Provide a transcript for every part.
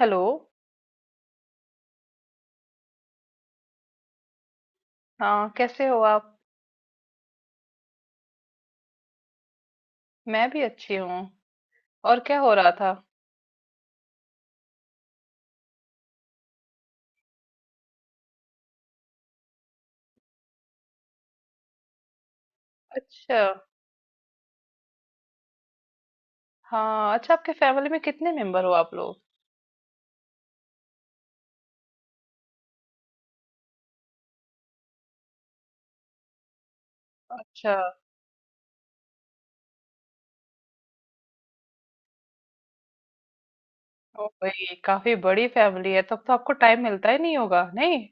Hello. हाँ, कैसे हो आप? मैं भी अच्छी हूँ। और क्या हो रहा था? अच्छा। हाँ, अच्छा, आपके फैमिली में कितने मेंबर हो आप लोग? अच्छा। ओ भाई, काफी बड़ी फैमिली है, तब तो आपको टाइम मिलता ही नहीं होगा, नहीं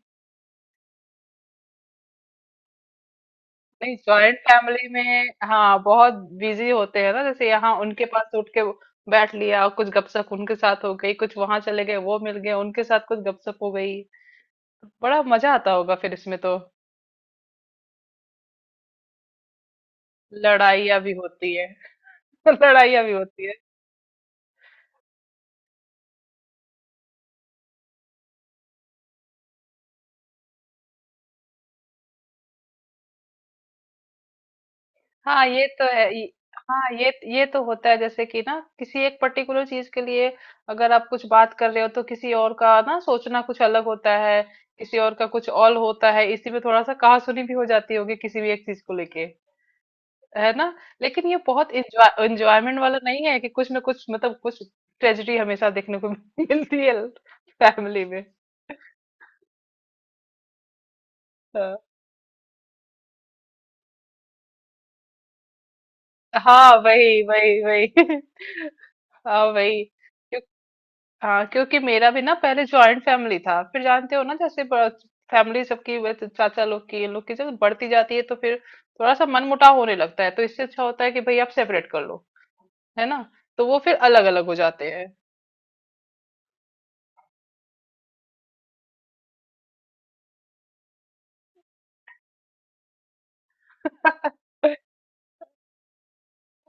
नहीं, जॉइंट फैमिली में, हाँ, बहुत बिजी होते हैं ना, जैसे यहाँ उनके पास उठ के बैठ लिया, कुछ गपशप उनके साथ हो गई, कुछ वहां चले गए, वो मिल गए, उनके साथ कुछ गपशप हो गई। बड़ा मजा आता होगा फिर इसमें तो। लड़ाइयाँ भी होती है। लड़ाइयाँ भी होती है। हाँ, ये तो है, हाँ, ये तो होता है, जैसे कि ना किसी एक पर्टिकुलर चीज के लिए अगर आप कुछ बात कर रहे हो तो किसी और का ना सोचना कुछ अलग होता है, किसी और का कुछ और होता है, इसी में थोड़ा सा कहासुनी भी हो जाती होगी किसी भी एक चीज को लेके। है ना? लेकिन ये बहुत एंजॉयमेंट वाला नहीं है, कि कुछ ना कुछ मतलब कुछ ट्रेजेडी हमेशा देखने को मिलती है फैमिली में। हाँ। हाँ, वही वही वही। हाँ, वही। हाँ, क्योंकि मेरा भी ना पहले जॉइंट फैमिली था, फिर जानते हो ना, जैसे फैमिली सबकी, वैसे चाचा लोग की इन लोग की जब बढ़ती जाती है तो फिर थोड़ा सा मनमुटाव होने लगता है, तो इससे अच्छा होता है कि भाई आप सेपरेट कर लो। है ना? तो वो फिर अलग अलग हो जाते हैं।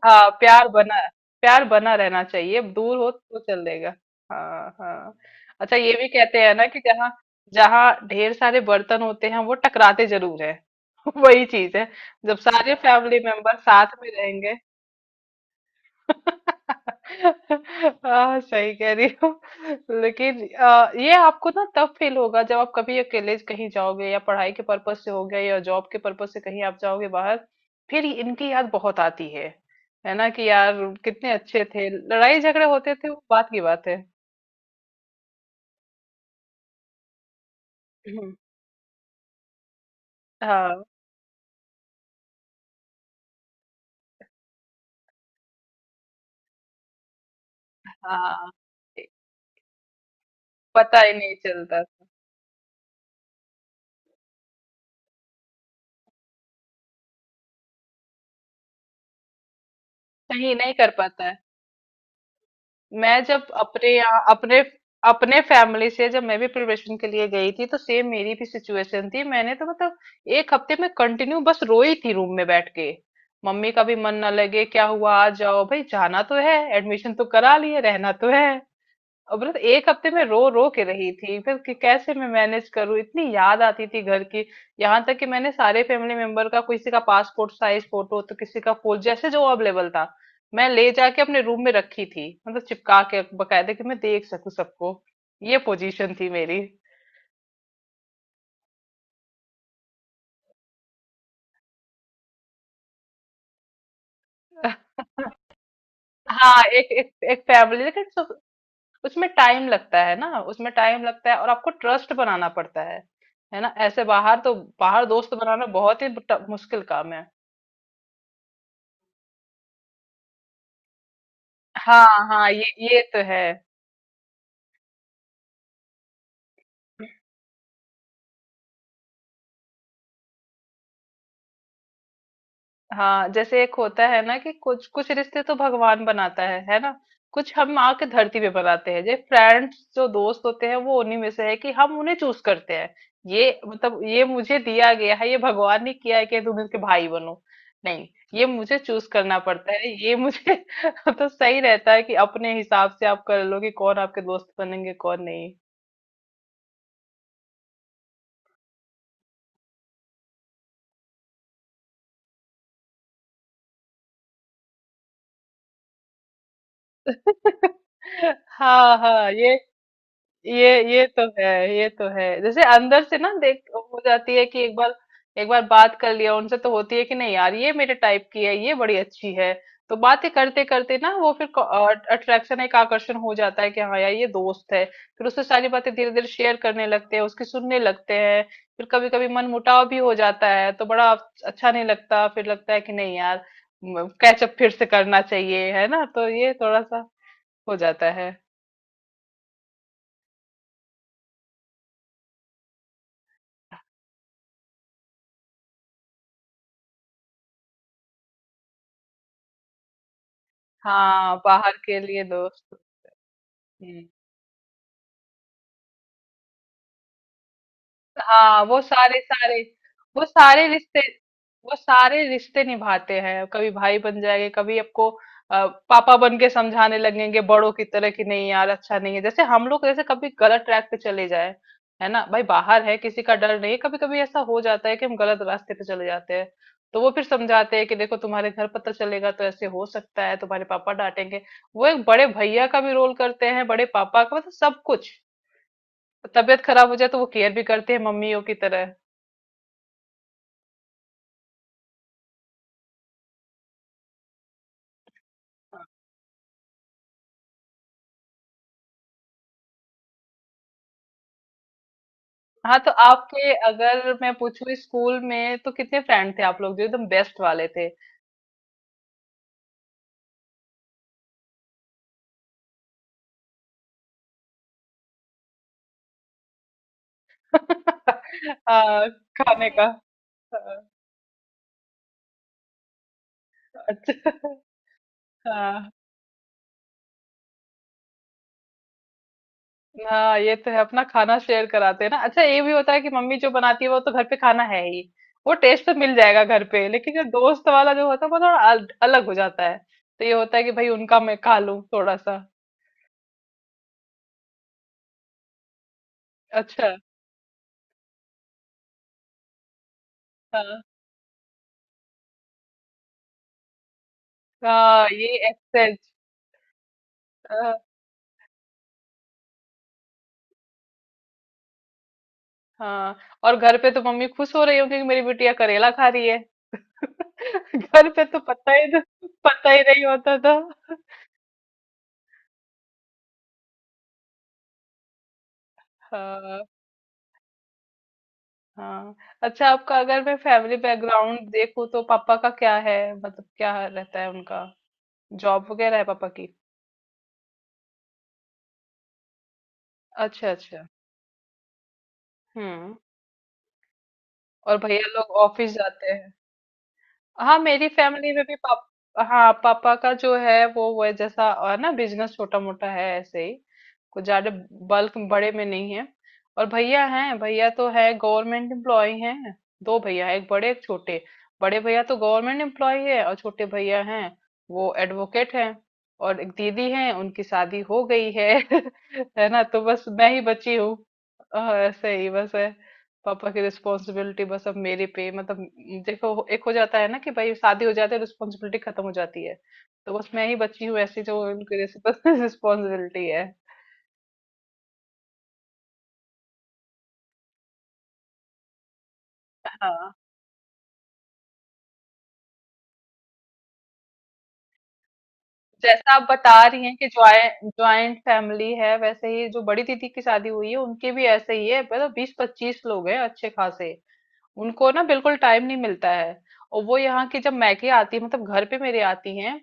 हाँ, प्यार बना। प्यार बना रहना चाहिए, दूर हो तो चल देगा। हाँ हाँ। अच्छा, ये भी कहते हैं ना कि जहाँ, जहाँ ढेर सारे बर्तन होते हैं, वो टकराते जरूर हैं। वही चीज है, जब सारे फैमिली मेंबर साथ में रहेंगे। हाँ, सही कह रही हो। लेकिन ये आपको ना तब फील होगा जब आप कभी अकेले कहीं जाओगे, या पढ़ाई के पर्पज से हो गया या जॉब के पर्पज से कहीं आप जाओगे बाहर, फिर इनकी याद बहुत आती है। है ना, कि यार कितने अच्छे थे। लड़ाई झगड़े होते थे वो बात की बात है। हम्म। हाँ। हाँ, पता ही नहीं चलता था। सही नहीं कर पाता है। मैं जब अपने यहाँ अपने अपने फैमिली से जब मैं भी प्रिपरेशन के लिए गई थी तो सेम मेरी भी सिचुएशन थी, मैंने तो मतलब एक हफ्ते में कंटिन्यू बस रोई थी रूम में बैठ के। मम्मी का भी मन ना लगे, क्या हुआ, आ जाओ भाई, जाना तो है, एडमिशन तो करा लिए, रहना तो है। और बस एक हफ्ते में रो रो के रही थी फिर कि कैसे मैं मैनेज करूं, इतनी याद आती थी घर की। यहाँ तक कि मैंने सारे फैमिली मेंबर का, किसी का पासपोर्ट साइज फोटो तो किसी का फूल, जैसे जो अवेलेबल था, मैं ले जाके अपने रूम में रखी थी, मतलब चिपका के बकायदे, कि मैं देख सकूं सबको। ये पोजीशन थी मेरी। हाँ, एक एक एक फैमिली, लेकिन उसमें टाइम लगता है ना, उसमें टाइम लगता है और आपको ट्रस्ट बनाना पड़ता है। है ना? ऐसे बाहर तो, बाहर दोस्त बनाना बहुत ही मुश्किल काम है। हाँ हाँ, ये तो है। हाँ, जैसे एक होता है ना कि कुछ कुछ रिश्ते तो भगवान बनाता है ना? कुछ हम माँ के धरती पे बनाते हैं, जैसे फ्रेंड्स जो दोस्त होते हैं वो उन्हीं में से है कि हम उन्हें चूज करते हैं। ये मतलब ये मुझे दिया गया है, ये भगवान ने किया है कि तुम इसके भाई बनो, नहीं, ये मुझे चूज करना पड़ता है ये मुझे। तो सही रहता है कि अपने हिसाब से आप कर लो कि कौन आपके दोस्त बनेंगे कौन नहीं। हाँ हाँ, ये ये तो है, ये तो है, जैसे अंदर से ना देख हो जाती है कि एक बार, एक बार बात कर लिया उनसे तो होती है कि नहीं यार ये मेरे टाइप की है, ये बड़ी अच्छी है। तो बातें करते करते ना वो फिर अट्रैक्शन, एक आकर्षण हो जाता है कि हाँ यार ये दोस्त है। फिर उससे सारी बातें धीरे धीरे शेयर करने लगते हैं, उसकी सुनने लगते हैं। फिर कभी कभी मन मुटाव भी हो जाता है तो बड़ा अच्छा नहीं लगता, फिर लगता है कि नहीं यार कैचअप फिर से करना चाहिए, है ना? तो ये थोड़ा सा हो जाता है। हाँ, बाहर के लिए दोस्त। हम्म। हाँ, वो सारे सारे, वो सारे रिश्ते, वो सारे रिश्ते निभाते हैं। कभी भाई बन जाएंगे, कभी आपको पापा बन के समझाने लगेंगे बड़ों की तरह, कि नहीं यार अच्छा नहीं है, जैसे हम लोग जैसे कभी गलत ट्रैक पे चले जाए। है ना, भाई बाहर है, किसी का डर नहीं, कभी कभी ऐसा हो जाता है कि हम गलत रास्ते पे चले जाते हैं। तो वो फिर समझाते हैं कि देखो तुम्हारे घर पता चलेगा तो ऐसे हो सकता है, तुम्हारे पापा डांटेंगे। वो एक बड़े भैया का भी रोल करते हैं, बड़े पापा का, मतलब सब कुछ। तबीयत खराब हो जाए तो वो केयर भी करते हैं मम्मियों की तरह। हाँ, तो आपके, अगर मैं पूछूं, इस स्कूल में तो कितने फ्रेंड थे आप लोग जो एकदम बेस्ट वाले थे? आ, खाने का। अच्छा। हाँ हाँ, ये तो है, अपना खाना शेयर कराते हैं ना। अच्छा, ये भी होता है कि मम्मी जो बनाती है वो तो घर पे खाना है ही, वो टेस्ट तो मिल जाएगा घर पे, लेकिन जो दोस्त वाला जो होता है वो थोड़ा अलग हो जाता है। तो ये होता है कि भाई उनका मैं खा लूं थोड़ा सा। अच्छा। हाँ। हाँ, ये एक्सेस। हाँ। हाँ। और घर पे तो मम्मी खुश हो रही होंगी कि मेरी बिटिया करेला खा रही है। घर पे तो पता ही नहीं होता था। हाँ। हाँ। अच्छा, आपका अगर मैं फैमिली बैकग्राउंड देखूँ तो पापा का क्या है, मतलब क्या रहता है उनका, जॉब वगैरह है पापा की? अच्छा अच्छा। हम्म। और भैया लोग ऑफिस जाते हैं? हाँ, मेरी फैमिली में भी हाँ, पापा का जो है वो जैसा ना, बिजनेस छोटा मोटा है ऐसे ही, कुछ ज्यादा बल्क बड़े में नहीं है। और भैया हैं, भैया तो है, गवर्नमेंट एम्प्लॉय हैं। दो भैया हैं, एक बड़े एक छोटे। बड़े भैया तो गवर्नमेंट एम्प्लॉय है और छोटे भैया हैं, वो एडवोकेट हैं। और एक दीदी हैं, उनकी शादी हो गई है। है ना, तो बस मैं ही बची हूँ। अ, ऐसे ही बस है। पापा की रिस्पॉन्सिबिलिटी बस अब मेरे पे, मतलब देखो, एक हो जाता है ना कि भाई शादी हो जाती है रिस्पॉन्सिबिलिटी खत्म हो जाती है, तो बस मैं ही बची हूँ ऐसी जो उनकी रिस्पॉन्सिबिलिटी है। हाँ, जैसा आप बता रही हैं कि ज्वाइंट ज्वाइंट फैमिली है, वैसे ही जो बड़ी दीदी की शादी हुई है उनकी भी ऐसे ही है, मतलब 20-25 लोग हैं अच्छे खासे। उनको ना बिल्कुल टाइम नहीं मिलता है। और वो यहाँ की जब मैके आती है, मतलब घर पे मेरे आती हैं,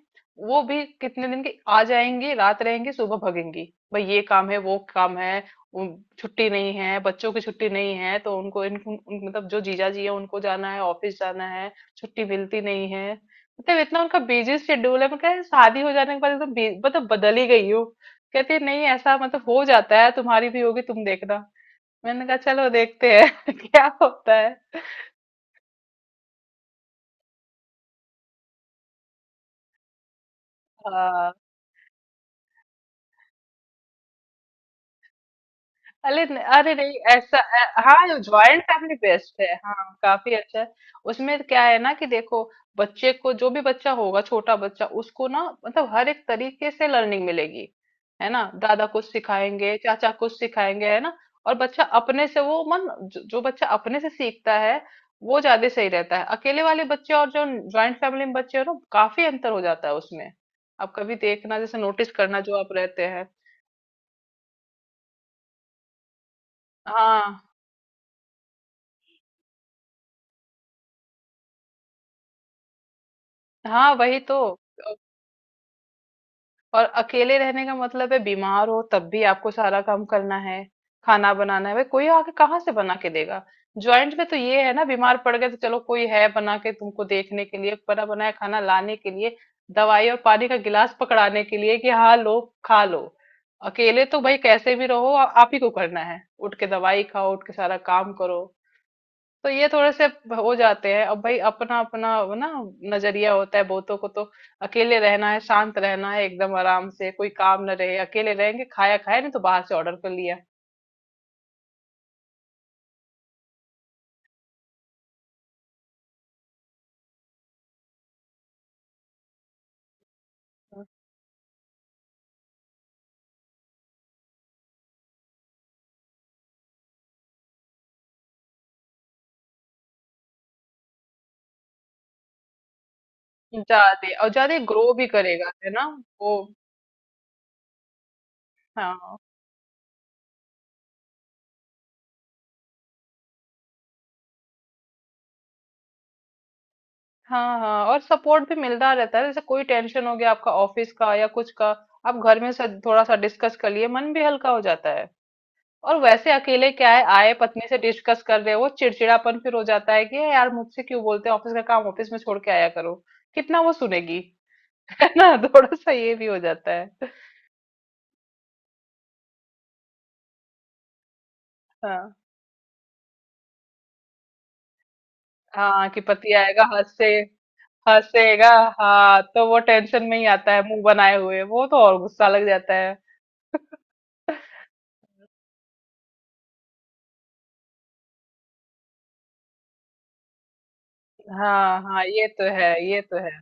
वो भी कितने दिन की आ जाएंगी, रात रहेंगी सुबह भगेंगी। भाई ये काम है वो काम है, छुट्टी नहीं है, बच्चों की छुट्टी नहीं है, तो उनको इनको मतलब जो जीजा जी है उनको जाना है, ऑफिस जाना है, छुट्टी मिलती नहीं है। मतलब इतना उनका बिजी शेड्यूल है। मैं कह रही, शादी हो जाने के बाद एकदम मतलब बदल ही गई हो। कहती है, नहीं ऐसा मतलब हो जाता है, तुम्हारी भी होगी, तुम देखना। मैंने कहा चलो देखते हैं क्या होता है। हाँ। अरे अरे नहीं, ऐसा हाँ, ज्वाइंट फैमिली बेस्ट है। हाँ, काफी अच्छा है। उसमें क्या है ना, कि देखो बच्चे को, जो भी बच्चा होगा, छोटा बच्चा, उसको ना मतलब हर एक तरीके से लर्निंग मिलेगी। है ना, दादा कुछ सिखाएंगे, चाचा कुछ सिखाएंगे, है ना? और बच्चा अपने से, वो मन जो बच्चा अपने से सीखता है वो ज्यादा सही रहता है। अकेले वाले बच्चे और जो ज्वाइंट फैमिली में बच्चे हो ना, काफी अंतर हो जाता है उसमें। आप कभी देखना, जैसे नोटिस करना, जो आप रहते हैं। हाँ हाँ, वही तो। और अकेले रहने का मतलब है, बीमार हो तब भी आपको सारा काम करना है, खाना बनाना है, भाई कोई आके कहाँ से बना के देगा। ज्वाइंट में तो ये है ना, बीमार पड़ गए तो चलो कोई है बना के तुमको देखने के लिए, बना बनाया खाना लाने के लिए, दवाई और पानी का गिलास पकड़ाने के लिए कि हाँ लो, खा लो। अकेले तो भाई कैसे भी रहो, आप ही को करना है, उठ के दवाई खाओ, उठ के सारा काम करो। तो ये थोड़े से हो जाते हैं। अब भाई अपना अपना वो ना नजरिया होता है बहुतों को तो, अकेले रहना है, शांत रहना है, एकदम आराम से कोई काम न रहे, अकेले रहेंगे, खाया खाया, नहीं तो बाहर से ऑर्डर कर लिया। ज्यादा और ज्यादा ग्रो भी करेगा, है ना? वो। हाँ हाँ हाँ, और सपोर्ट भी मिलता रहता है, जैसे कोई टेंशन हो गया आपका ऑफिस का या कुछ का, आप घर में थोड़ा सा डिस्कस कर लिए, मन भी हल्का हो जाता है। और वैसे अकेले क्या है, आए पत्नी से डिस्कस कर रहे हो, चिड़चिड़ापन फिर हो जाता है कि "ए यार, मुझसे क्यों बोलते हैं, ऑफिस का काम ऑफिस में छोड़ के आया करो।" कितना वो सुनेगी? है ना, थोड़ा सा ये भी हो जाता है। हाँ हाँ, कि पति आएगा, हंसे, हंसेगा। हाँ, तो वो टेंशन में ही आता है, मुंह बनाए हुए, वो तो और गुस्सा लग जाता है। हाँ हाँ, ये तो है, ये तो है।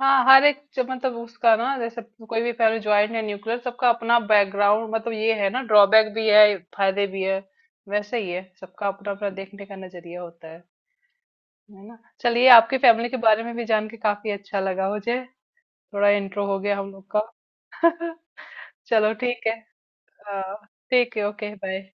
हाँ, हर एक जो, मतलब उसका ना, जैसे कोई भी, पहले ज्वाइंट है न्यूक्लियर, सबका अपना बैकग्राउंड, मतलब ये है ना, ड्रॉबैक भी है फायदे भी है। वैसे ही है, सबका अपना अपना देखने का नजरिया होता है। है ना? चलिए, आपकी फैमिली के बारे में भी जान के काफी अच्छा लगा मुझे। थोड़ा इंट्रो हो गया हम लोग का। चलो, ठीक है। हाँ, ठीक है, ओके बाय।